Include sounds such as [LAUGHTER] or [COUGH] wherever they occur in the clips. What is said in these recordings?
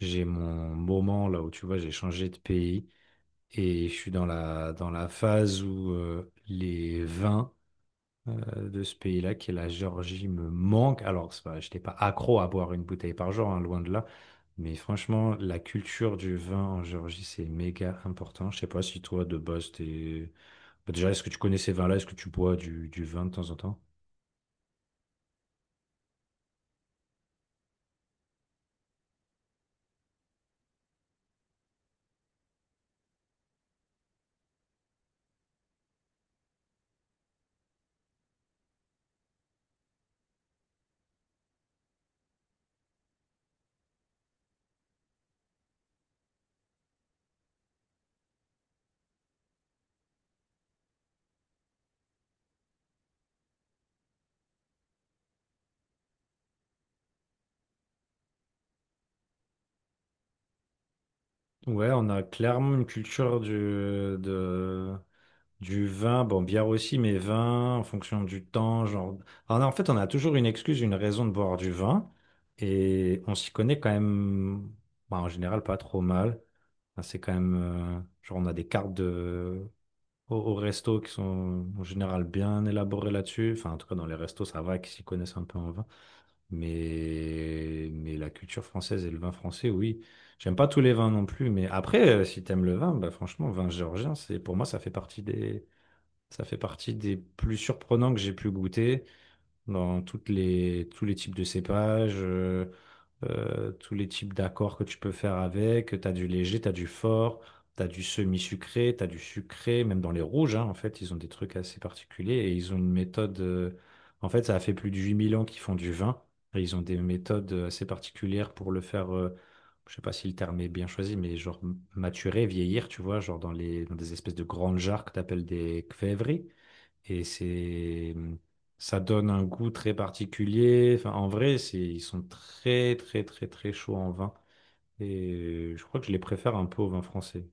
J'ai mon moment là où tu vois, j'ai changé de pays et je suis dans la phase où les vins de ce pays-là, qui est la Géorgie, me manquent. Alors, c'est pas- je n'étais pas accro à boire une bouteille par jour, hein, loin de là. Mais franchement, la culture du vin en Géorgie, c'est méga important. Je sais pas si toi, de base, t'es... Bah, déjà, est-ce que tu connais ces vins-là? Est-ce que tu bois du vin de temps en temps? Ouais, on a clairement une culture du vin, bon, bière aussi, mais vin en fonction du temps, genre. Alors, en fait, on a toujours une excuse, une raison de boire du vin, et on s'y connaît quand même, bah, en général, pas trop mal. Enfin, c'est quand même, genre, on a des cartes de... au resto qui sont en général bien élaborées là-dessus. Enfin, en tout cas, dans les restos, ça va, qui s'y connaissent un peu en vin. Mais la culture française et le vin français, oui. J'aime pas tous les vins non plus, mais après, si t'aimes le vin, bah, franchement, vin géorgien, c'est, pour moi, ça fait partie des plus surprenants que j'ai pu goûter dans tous les types de cépages, tous les types d'accords que tu peux faire avec. Tu as du léger, tu as du fort, tu as du semi-sucré, tu as du sucré, même dans les rouges, hein, en fait, ils ont des trucs assez particuliers et ils ont une méthode. En fait, ça a fait plus de 8 000 ans qu'ils font du vin et ils ont des méthodes assez particulières pour le faire. Je sais pas si le terme est bien choisi, mais genre maturer, vieillir, tu vois, genre dans des espèces de grandes jarres que tu appelles des kvévri. Et c'est, ça donne un goût très particulier. Enfin, en vrai, c'est, ils sont très, très, très, très chauds en vin. Et je crois que je les préfère un peu au vin français.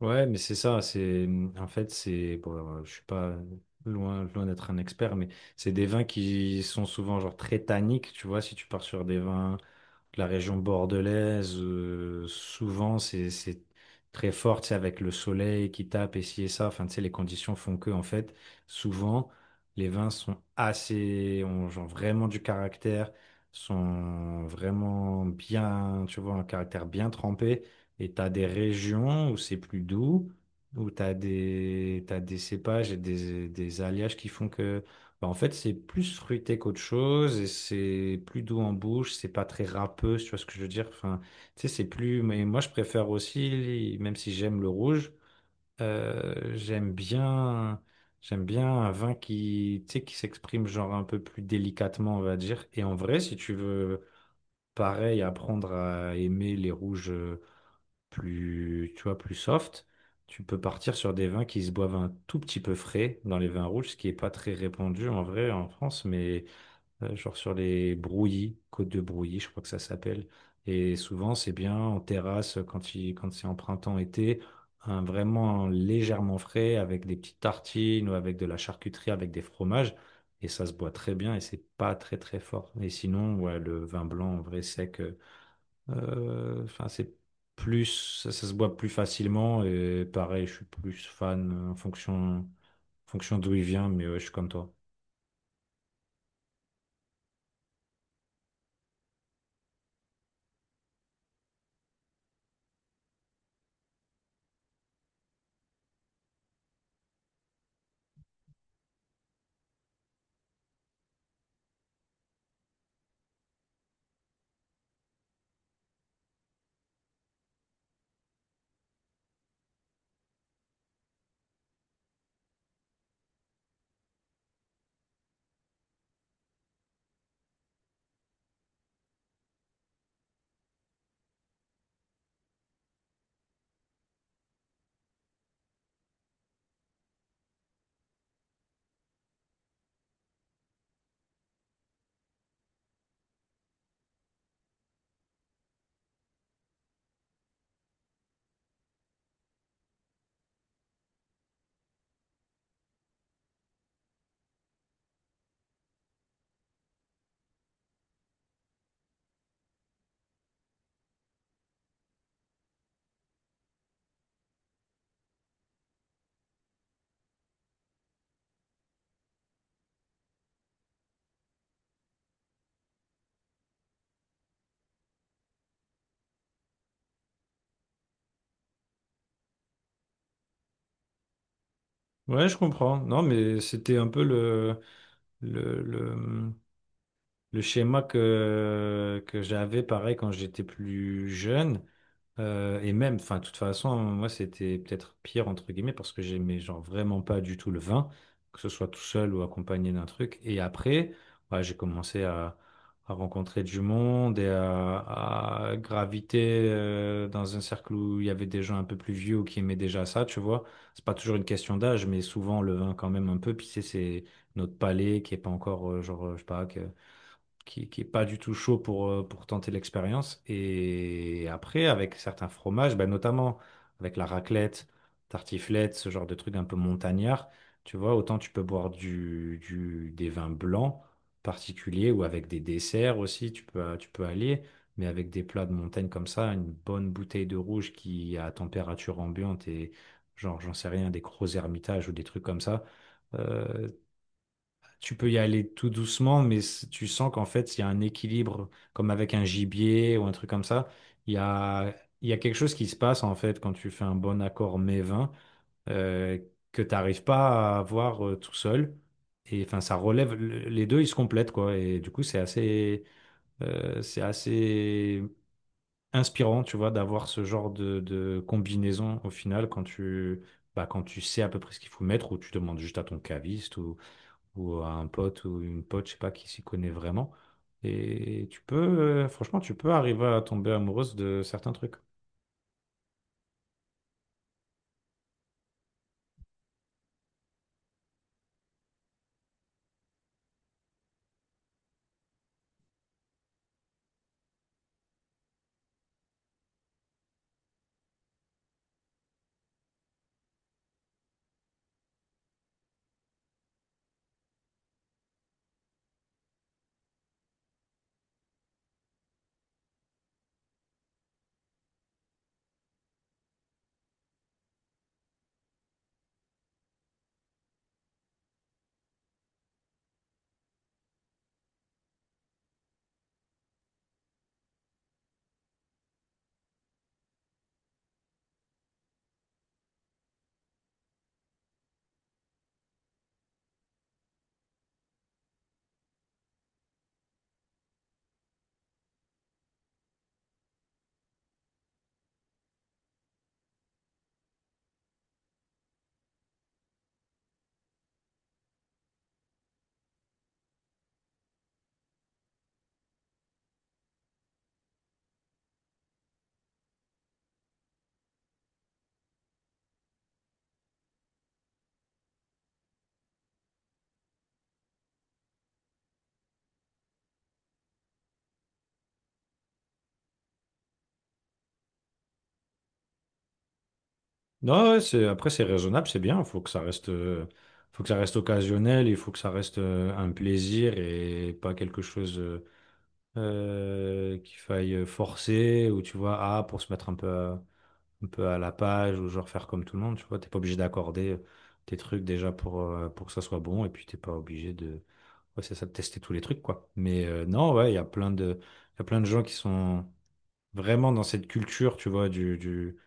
Ouais, mais c'est ça. En fait, c'est, bon, alors, je suis pas loin d'être un expert, mais c'est des vins qui sont souvent genre très tanniques. Tu vois, si tu pars sur des vins la région bordelaise, souvent c'est très fort, tu sais, avec le soleil qui tape et ci et ça. Enfin, tu sais, les conditions font que, en fait, souvent, les vins sont assez, ont genre vraiment du caractère, sont vraiment bien, tu vois, un caractère bien trempé. Et t'as des régions où c'est plus doux, où t'as des cépages et des alliages qui font que. Bah, en fait, c'est plus fruité qu'autre chose et c'est plus doux en bouche, c'est pas très râpeux, si tu vois ce que je veux dire? Enfin, tu sais, c'est plus. Mais moi, je préfère aussi, même si j'aime le rouge, euh, j'aime bien, j'aime bien un vin qui, tu sais, qui s'exprime genre un peu plus délicatement, on va dire. Et en vrai, si tu veux, pareil, apprendre à aimer les rouges. Plus, tu vois, plus soft, tu peux partir sur des vins qui se boivent un tout petit peu frais dans les vins rouges, ce qui est pas très répandu en vrai en France, mais genre sur les brouillis, Côte de Brouilly, je crois que ça s'appelle. Et souvent, c'est bien en terrasse quand il, quand c'est en printemps-été, un vraiment légèrement frais avec des petites tartines ou avec de la charcuterie, avec des fromages. Et ça se boit très bien et c'est pas très très fort. Et sinon, ouais, le vin blanc en vrai sec. Enfin, c'est plus, ça se boit plus facilement et pareil, je suis plus fan en fonction d'où il vient, mais ouais, je suis comme toi. Ouais, je comprends. Non, mais c'était un peu le, le, le schéma que j'avais pareil quand j'étais plus jeune. Et même, enfin, de toute façon, moi, c'était peut-être pire, entre guillemets, parce que j'aimais, genre, vraiment pas du tout le vin, que ce soit tout seul ou accompagné d'un truc. Et après, ouais, à rencontrer du monde et à graviter dans un cercle où il y avait des gens un peu plus vieux ou qui aimaient déjà ça, tu vois. C'est pas toujours une question d'âge, mais souvent, le vin, quand même, un peu. Puis, c'est notre palais qui est pas encore, genre, je sais pas, que qui est pas du tout chaud pour tenter l'expérience. Et après, avec certains fromages, ben notamment avec la raclette, tartiflette, ce genre de truc un peu montagnard, tu vois, autant tu peux boire des vins blancs particuliers ou avec des desserts aussi, tu peux allier. Mais avec des plats de montagne comme ça, une bonne bouteille de rouge qui à température ambiante et genre, j'en sais rien, des gros Hermitage ou des trucs comme ça, euh, tu peux y aller tout doucement, tu sens qu'en fait, il y a un équilibre, comme avec un gibier ou un truc comme ça. Il y a, il y a quelque chose qui se passe, en fait, quand tu fais un bon accord mets-vin, euh, que tu n'arrives pas à avoir tout seul. Et enfin, ça relève, les deux, ils se complètent, quoi. Et du coup, c'est assez inspirant, tu vois, d'avoir ce genre de combinaison au final quand tu, bah, quand tu sais à peu près ce qu'il faut mettre ou tu demandes juste à ton caviste ou à un pote ou une pote, je sais pas, qui s'y connaît vraiment. Et tu peux, franchement, tu peux arriver à tomber amoureuse de certains trucs. Non, ouais, c'est, après, c'est raisonnable, c'est bien. Il faut que ça reste, faut que ça reste occasionnel, il faut que ça reste un plaisir et pas quelque chose qu'il faille forcer ou tu vois, ah, pour se mettre un peu à la page ou genre faire comme tout le monde, tu vois. T'es pas obligé d'accorder tes trucs déjà pour que ça soit bon et puis t'es pas obligé de, ouais, c'est ça, de tester tous les trucs, quoi. Mais non, ouais, il y a plein de gens qui sont vraiment dans cette culture, tu vois, du, du,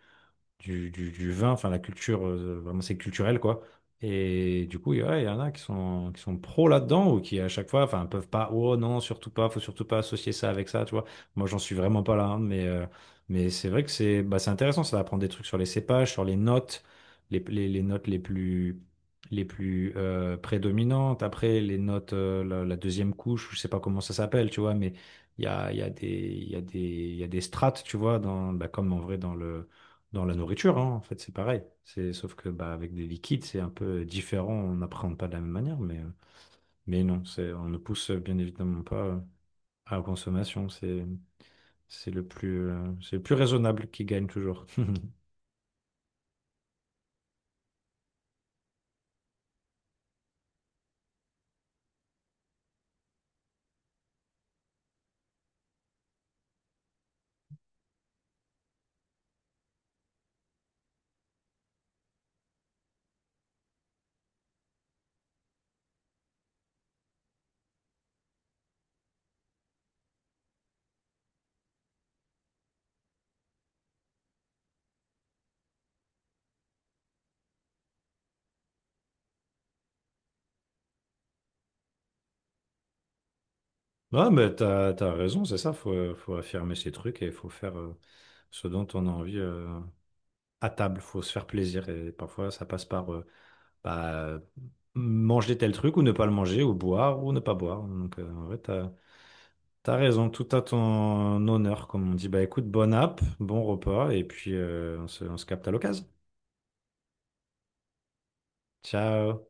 du, du, du vin, enfin la culture, vraiment c'est culturel quoi. Et du coup, il y ouais, il y en a qui sont pros là-dedans ou qui à chaque fois, enfin, peuvent pas, oh non, surtout pas, faut surtout pas associer ça avec ça, tu vois. Moi, j'en suis vraiment pas là, hein, mais c'est vrai que c'est bah, c'est intéressant, ça apprendre des trucs sur les cépages, sur les notes, les notes les plus prédominantes. Après, les notes, la deuxième couche, je sais pas comment ça s'appelle, tu vois, mais il y a des, il y a des, il y a des strates, tu vois, dans, bah, comme en vrai dans le dans la nourriture, hein, en fait, c'est pareil. C'est, sauf que bah, avec des liquides, c'est un peu différent. On n'appréhende pas de la même manière, mais non, c'est, on ne pousse bien évidemment pas à la consommation. C'est le plus raisonnable qui gagne toujours. [LAUGHS] Ouais, mais t'as raison, c'est ça. Faut, faut affirmer ses trucs et il faut faire ce dont on a envie à table. Faut se faire plaisir et parfois ça passe par bah, manger tel truc ou ne pas le manger ou boire ou ne pas boire. Donc en vrai, t'as raison, tout à ton honneur, comme on dit. Bah écoute, bonne app, bon repas, et puis on se capte à l'occasion. Ciao!